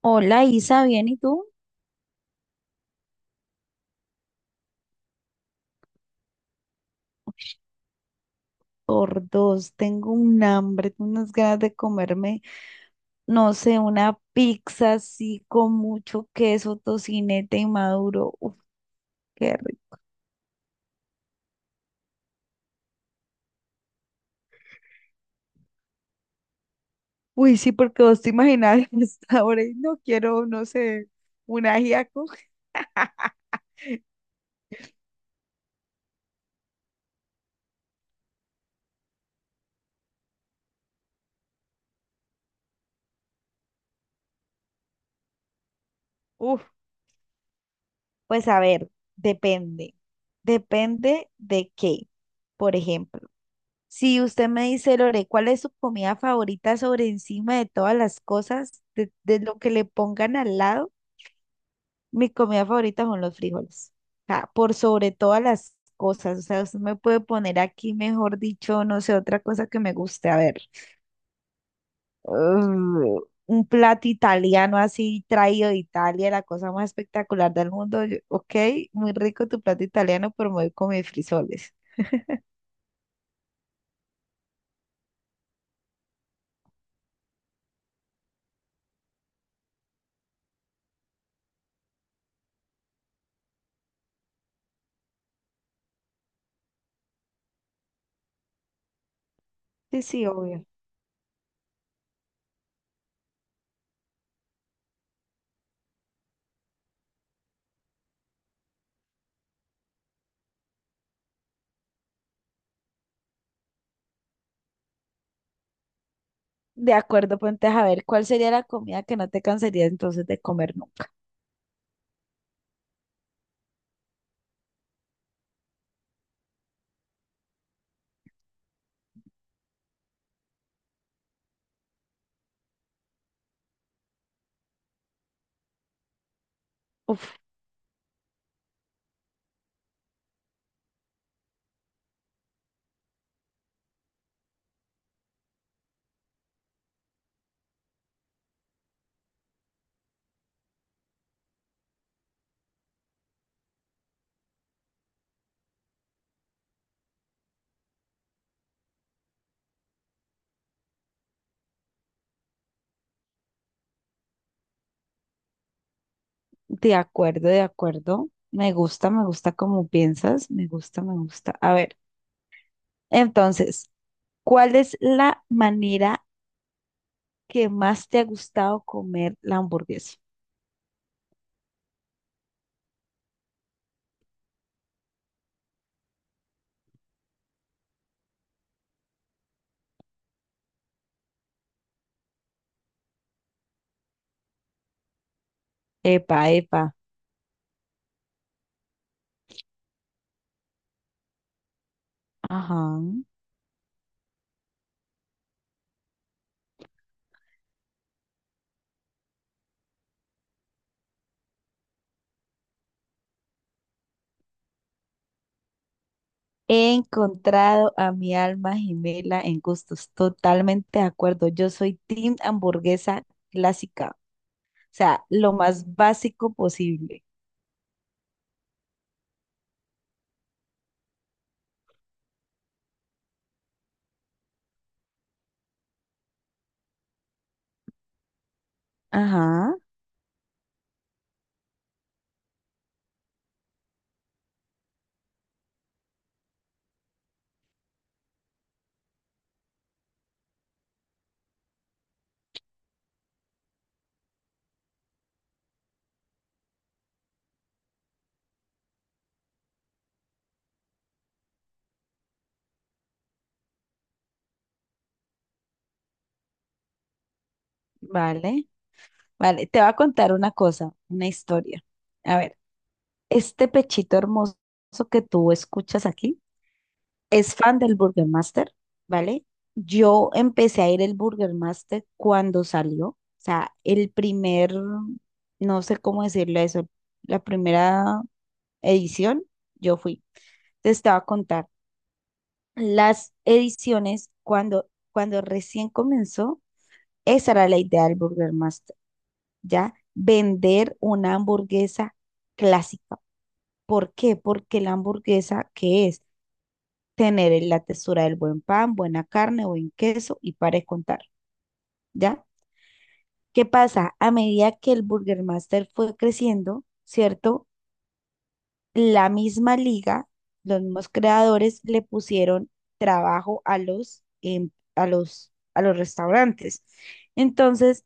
Hola Isa, ¿bien y tú? Por dos, tengo un hambre, tengo unas ganas de comerme, no sé, una pizza así con mucho queso, tocineta y maduro. Uf, qué rico. Uy, sí, porque vos te imaginas a esta y no quiero, no sé, un ajiaco. Uf, pues a ver, depende. Depende de qué, por ejemplo. Si usted me dice, Lore, ¿cuál es su comida favorita sobre encima de todas las cosas, de lo que le pongan al lado? Mi comida favorita son los frijoles. O sea, por sobre todas las cosas. O sea, usted me puede poner aquí, mejor dicho, no sé, otra cosa que me guste. A ver, uh, un plato italiano así traído de Italia, la cosa más espectacular del mundo. Yo, ok, muy rico tu plato italiano, pero me voy con mis frijoles. Sí, sí, obvio. De acuerdo, ponte a ver cuál sería la comida que no te cansarías entonces de comer nunca. Uf, de acuerdo, de acuerdo. Me gusta como piensas, me gusta, me gusta. A ver, entonces, ¿cuál es la manera que más te ha gustado comer la hamburguesa? Epa, epa. Ajá. He encontrado a mi alma gemela en gustos. Totalmente de acuerdo. Yo soy team hamburguesa clásica. O sea, lo más básico posible. Ajá, vale. Vale, te voy a contar una cosa, una historia. A ver, este pechito hermoso que tú escuchas aquí es fan del Burger Master, ¿vale? Yo empecé a ir el Burger Master cuando salió. O sea, el primer, no sé cómo decirle eso, la primera edición, yo fui. Te estaba a contar. Las ediciones, cuando recién comenzó, esa era la idea del Burger Master, ¿ya? Vender una hamburguesa clásica. ¿Por qué? Porque la hamburguesa, ¿que es? Tener la textura del buen pan, buena carne, buen queso y para de contar, ¿ya? ¿Qué pasa? A medida que el Burger Master fue creciendo, ¿cierto? La misma liga, los mismos creadores le pusieron trabajo a los a los restaurantes. Entonces,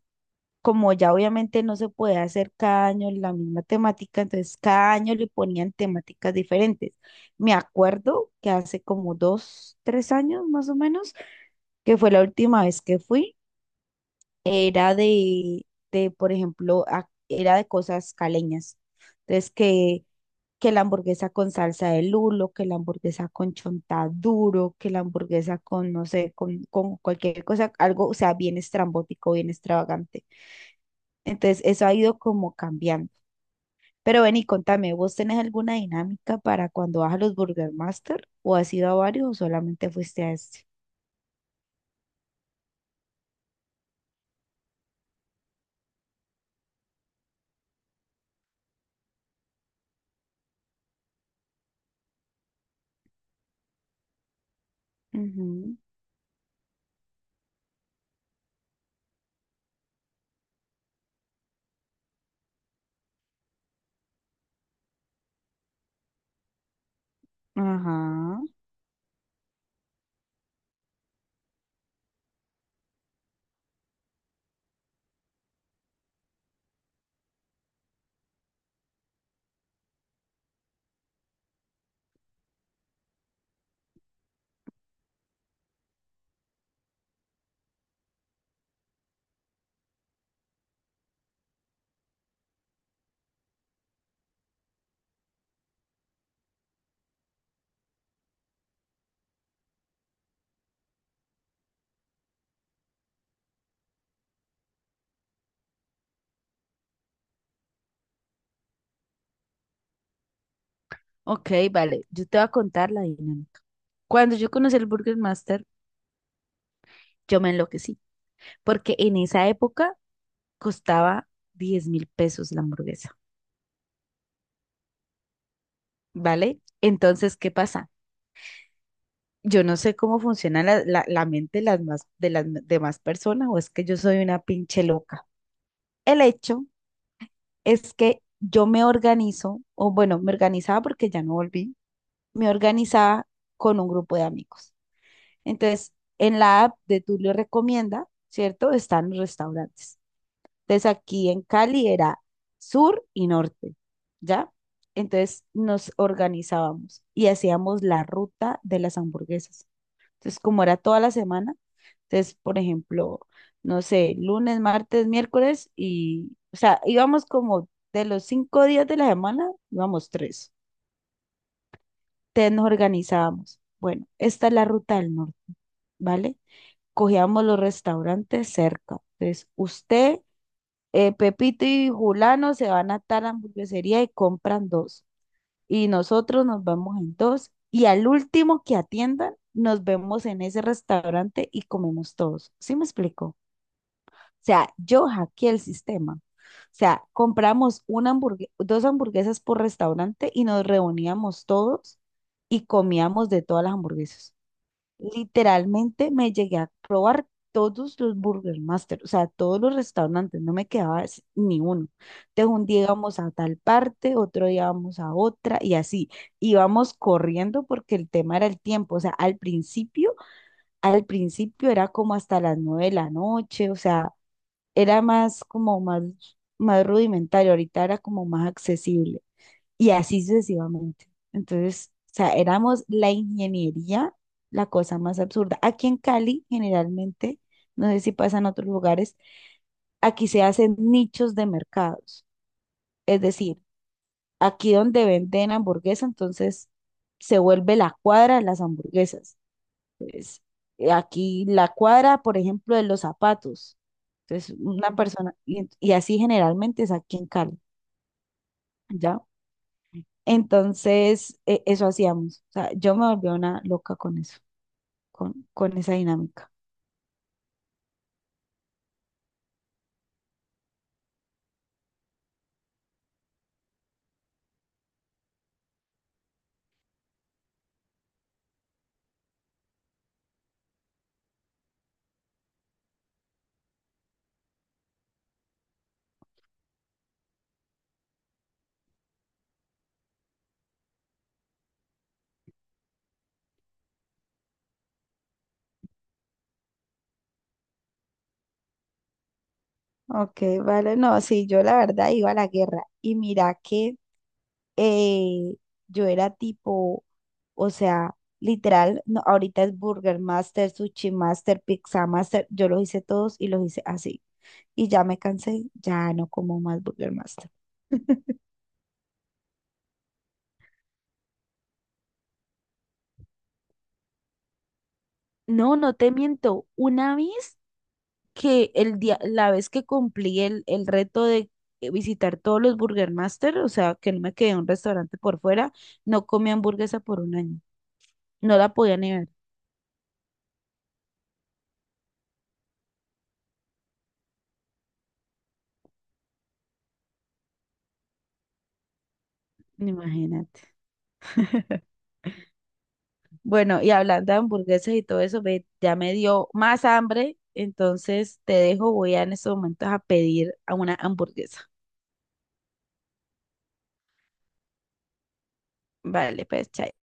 como ya obviamente no se puede hacer cada año la misma temática, entonces cada año le ponían temáticas diferentes. Me acuerdo que hace como 2, 3 años más o menos, que fue la última vez que fui, era de por ejemplo, era de cosas caleñas. Entonces, que la hamburguesa con salsa de lulo, que la hamburguesa con chontaduro, que la hamburguesa con, no sé, con cualquier cosa, algo, o sea, bien estrambótico, bien extravagante. Entonces, eso ha ido como cambiando. Pero ven y contame, ¿vos tenés alguna dinámica para cuando vas a los Burger Master? ¿O has ido a varios o solamente fuiste a este? Ujú. Ajá. Ok, vale. Yo te voy a contar la dinámica. Cuando yo conocí el Burger Master, yo me enloquecí, porque en esa época costaba 10.000 pesos la hamburguesa, ¿vale? Entonces, ¿qué pasa? Yo no sé cómo funciona la mente de las demás personas o es que yo soy una pinche loca. El hecho es que yo me organizo, o bueno, me organizaba porque ya no volví, me organizaba con un grupo de amigos. Entonces, en la app de Tulio Recomienda, ¿cierto? Están los restaurantes. Entonces aquí en Cali era sur y norte, ¿ya? Entonces nos organizábamos y hacíamos la ruta de las hamburguesas. Entonces, como era toda la semana, entonces, por ejemplo, no sé, lunes, martes, miércoles y, o sea, íbamos como de los 5 días de la semana, íbamos tres. Entonces nos organizábamos. Bueno, esta es la ruta del norte, ¿vale? Cogíamos los restaurantes cerca. Entonces, usted Pepito y Julano se van a tal hamburguesería y compran dos. Y nosotros nos vamos en dos. Y al último que atiendan, nos vemos en ese restaurante y comemos todos. ¿Sí me explico? O sea, yo hackeé el sistema. O sea, compramos una hamburgue- dos hamburguesas por restaurante y nos reuníamos todos y comíamos de todas las hamburguesas. Literalmente me llegué a probar todos los Burger Master, o sea, todos los restaurantes, no me quedaba s- ni uno. Entonces un día íbamos a tal parte, otro día íbamos a otra y así. Íbamos corriendo porque el tema era el tiempo, o sea, al principio era como hasta las 9 de la noche, o sea, era más como más, más rudimentario, ahorita era como más accesible y así sucesivamente. Entonces, o sea, éramos la ingeniería, la cosa más absurda. Aquí en Cali, generalmente, no sé si pasa en otros lugares, aquí se hacen nichos de mercados. Es decir, aquí donde venden hamburguesa, entonces se vuelve la cuadra de las hamburguesas. Entonces, aquí la cuadra, por ejemplo, de los zapatos. Entonces, una persona, y así generalmente es aquí en Cali, ¿ya? Entonces, eso hacíamos. O sea, yo me volví una loca con eso, con esa dinámica. Ok, vale, no, sí, yo la verdad iba a la guerra y mira que eh, yo era tipo, o sea, literal, no, ahorita es Burger Master, Sushi Master, Pizza Master, yo los hice todos y los hice así. Y ya me cansé, ya no como más Burger Master. No, no te miento. Una vez que el día, la vez que cumplí el reto de visitar todos los Burger Master, o sea, que no me quedé en un restaurante por fuera, no comí hamburguesa por un año. No la podía negar, imagínate. Bueno, y hablando de hamburguesas y todo eso, ve, ya me dio más hambre, entonces te dejo, voy a en estos momentos a pedir a una hamburguesa. Vale, pues, chao.